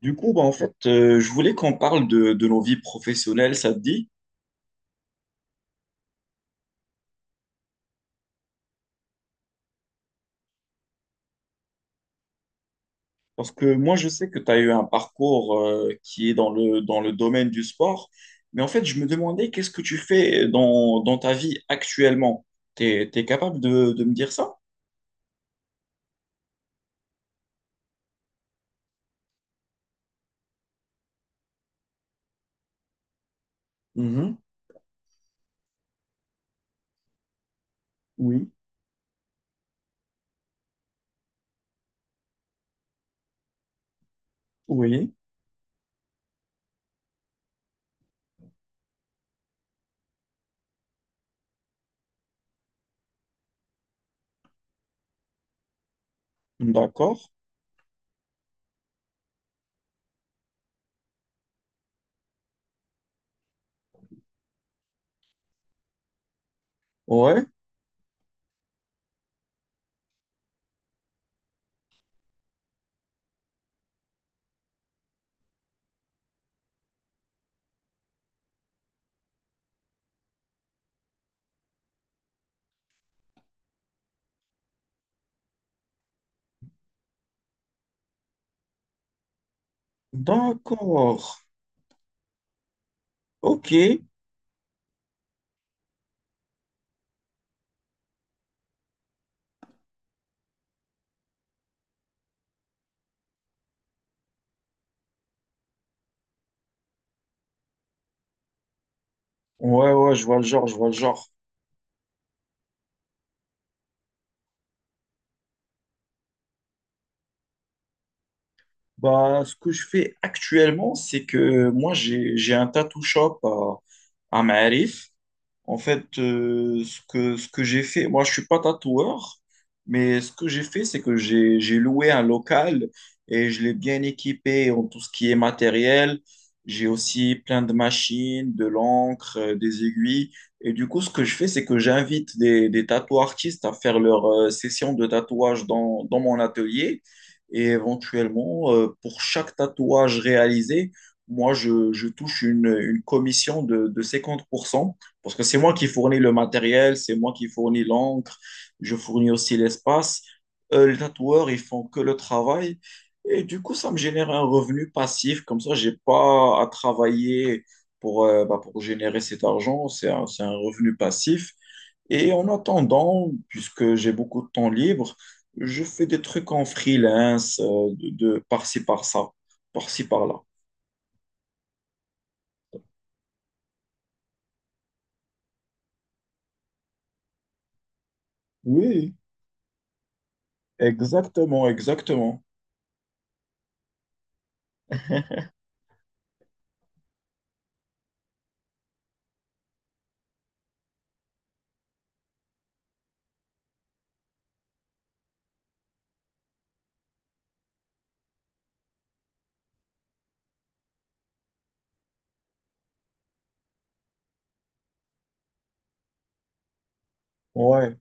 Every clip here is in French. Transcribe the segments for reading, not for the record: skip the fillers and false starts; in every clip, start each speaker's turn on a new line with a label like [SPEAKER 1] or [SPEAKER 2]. [SPEAKER 1] Je voulais qu'on parle de nos vies professionnelles, ça te dit? Parce que moi, je sais que tu as eu un parcours qui est dans dans le domaine du sport, mais en fait, je me demandais qu'est-ce que tu fais dans ta vie actuellement? T'es capable de me dire ça? Mhm. Oui, oui, d'accord. Ouais, d'accord. Ok. Ouais, ouais, je vois le genre, je vois le genre. Bah, ce que je fais actuellement, c'est que moi, j'ai un tattoo shop à Maarif. En fait, ce que j'ai fait, moi je suis pas tatoueur, mais ce que j'ai fait, c'est que j'ai loué un local et je l'ai bien équipé en tout ce qui est matériel. J'ai aussi plein de machines, de l'encre, des aiguilles. Et du coup, ce que je fais, c'est que j'invite des tatoueurs artistes à faire leur session de tatouage dans mon atelier. Et éventuellement, pour chaque tatouage réalisé, je touche une commission de 50%. Parce que c'est moi qui fournis le matériel, c'est moi qui fournis l'encre, je fournis aussi l'espace. Les tatoueurs, ils font que le travail. Et du coup, ça me génère un revenu passif. Comme ça, je n'ai pas à travailler pour, pour générer cet argent. C'est un revenu passif. Et en attendant, puisque j'ai beaucoup de temps libre, je fais des trucs en freelance, de par-ci, par-ça, par-ci, par-là. Oui, exactement, exactement. Ouais.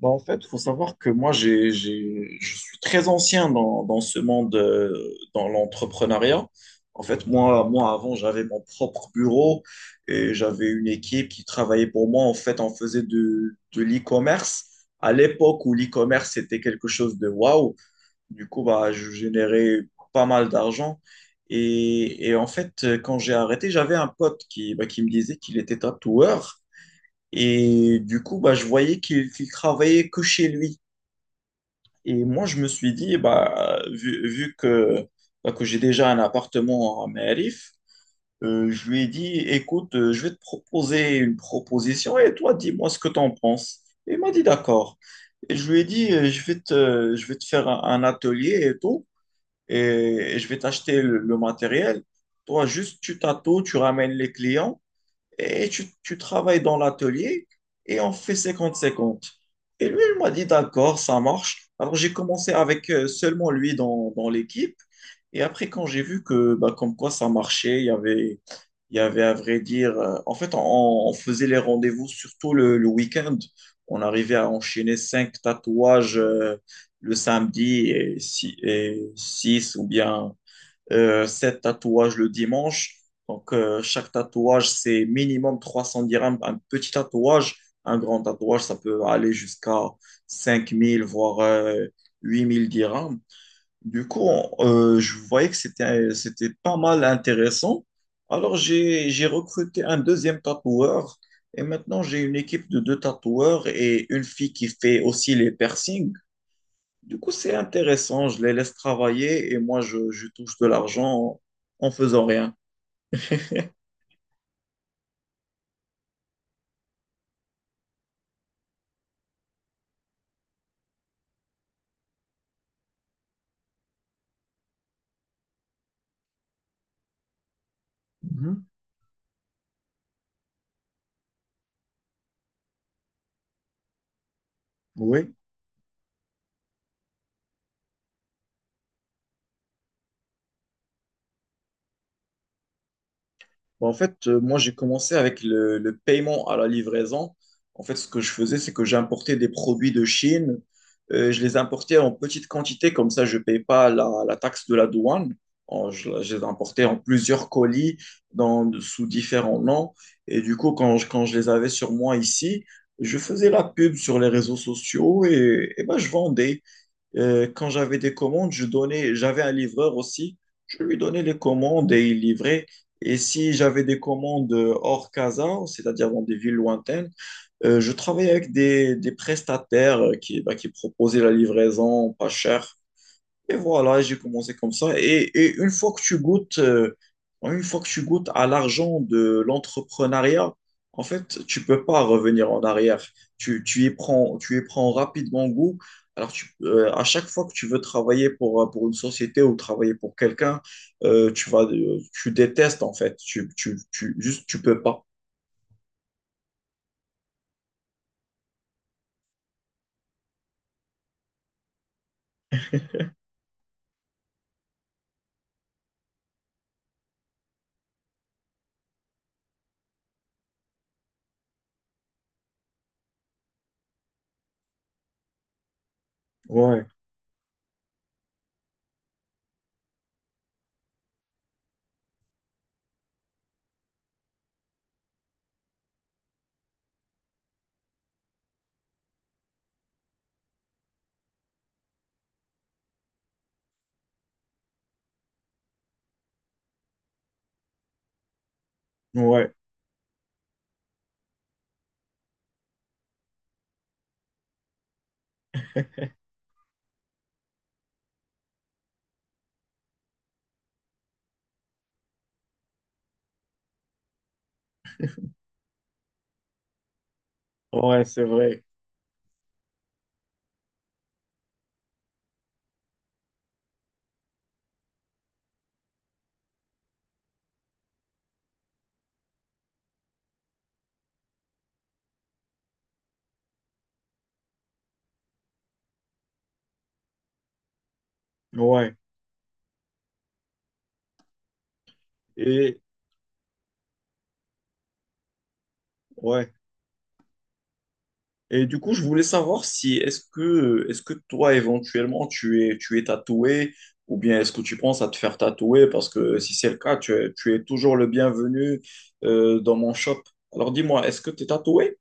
[SPEAKER 1] Bah, en fait, il faut savoir que je suis très ancien dans ce monde, dans l'entrepreneuriat. En fait, moi, avant, j'avais mon propre bureau et j'avais une équipe qui travaillait pour moi. En fait, on faisait de l'e-commerce. À l'époque où l'e-commerce c'était quelque chose de waouh, du coup, bah, je générais pas mal d'argent. Et en fait, quand j'ai arrêté, j'avais un pote qui, bah, qui me disait qu'il était tatoueur. Et du coup, bah, je voyais qu'il travaillait que chez lui. Et moi, je me suis dit, bah, vu que, bah, que j'ai déjà un appartement à Merif, je lui ai dit, écoute, je vais te proposer une proposition et toi, dis-moi ce que tu en penses. Et il m'a dit, d'accord. Et je lui ai dit, je vais te faire un atelier et tout, et, et je vais t'acheter le matériel. Toi, juste, tu t'attends, tu ramènes les clients et tu travailles dans l'atelier et on fait cinquante cinquante. Et lui, il m'a dit, d'accord, ça marche. Alors j'ai commencé avec seulement lui dans l'équipe. Et après, quand j'ai vu que, bah, comme quoi ça marchait, il y avait à vrai dire, on faisait les rendez-vous surtout le week-end. On arrivait à enchaîner cinq tatouages le samedi et, six ou bien 7 tatouages le dimanche. Donc, chaque tatouage, c'est minimum 300 dirhams. Un petit tatouage, un grand tatouage, ça peut aller jusqu'à 5000, voire 8000 dirhams. Du coup, on- je voyais que c'était pas mal intéressant. Alors, j'ai recruté un deuxième tatoueur. Et maintenant, j'ai une équipe de deux tatoueurs et une fille qui fait aussi les piercings. Du coup, c'est intéressant. Je les laisse travailler et je touche de l'argent en, en faisant rien. Mhm. Oui. Bah, en fait, moi, j'ai commencé avec le paiement à la livraison. En fait, ce que je faisais, c'est que j'importais des produits de Chine. Je les importais en petite quantité, comme ça, je ne paye pas la taxe de la douane. Je les importais en plusieurs colis dans, sous différents noms. Et du coup, quand je les avais sur moi ici, je faisais la pub sur les réseaux sociaux et bah, je vendais. Quand j'avais des commandes, j'avais un livreur aussi, je lui donnais les commandes et il livrait. Et si j'avais des commandes hors casa, c'est-à-dire dans des villes lointaines, je travaillais avec des prestataires qui, bah, qui proposaient la livraison pas chère. Et voilà, j'ai commencé comme ça. Et une fois que tu goûtes, une fois que tu goûtes à l'argent de l'entrepreneuriat, en fait, tu peux pas revenir en arrière. Tu y prends rapidement goût. Alors, à chaque fois que tu veux travailler pour une société ou travailler pour quelqu'un, tu détestes en fait. Tu peux pas. Ouais, ouais, ouais, c'est vrai. Ouais. Et ouais. Et du coup, je voulais savoir si est-ce que toi éventuellement tu es tatoué ou bien est-ce que tu penses à te faire tatouer parce que si c'est le cas, tu es toujours le bienvenu dans mon shop. Alors dis-moi, est-ce que tu es tatoué?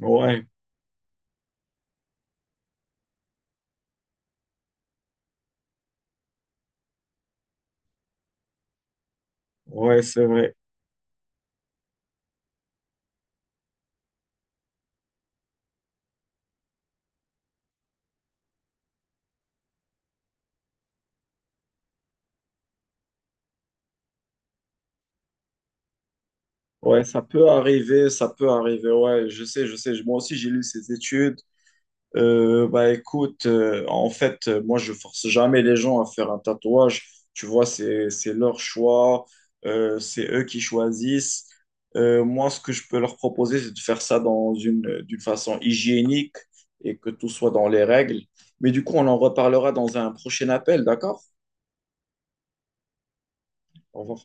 [SPEAKER 1] Ouais, ouais, c'est vrai. Ouais, ça peut arriver, ça peut arriver. Ouais, je sais, je sais. Moi aussi, j'ai lu ces études. Bah écoute, moi je force jamais les gens à faire un tatouage. Tu vois, c'est leur choix, c'est eux qui choisissent. Moi, ce que je peux leur proposer, c'est de faire ça dans une d'une façon hygiénique et que tout soit dans les règles. Mais du coup, on en reparlera dans un prochain appel, d'accord? On va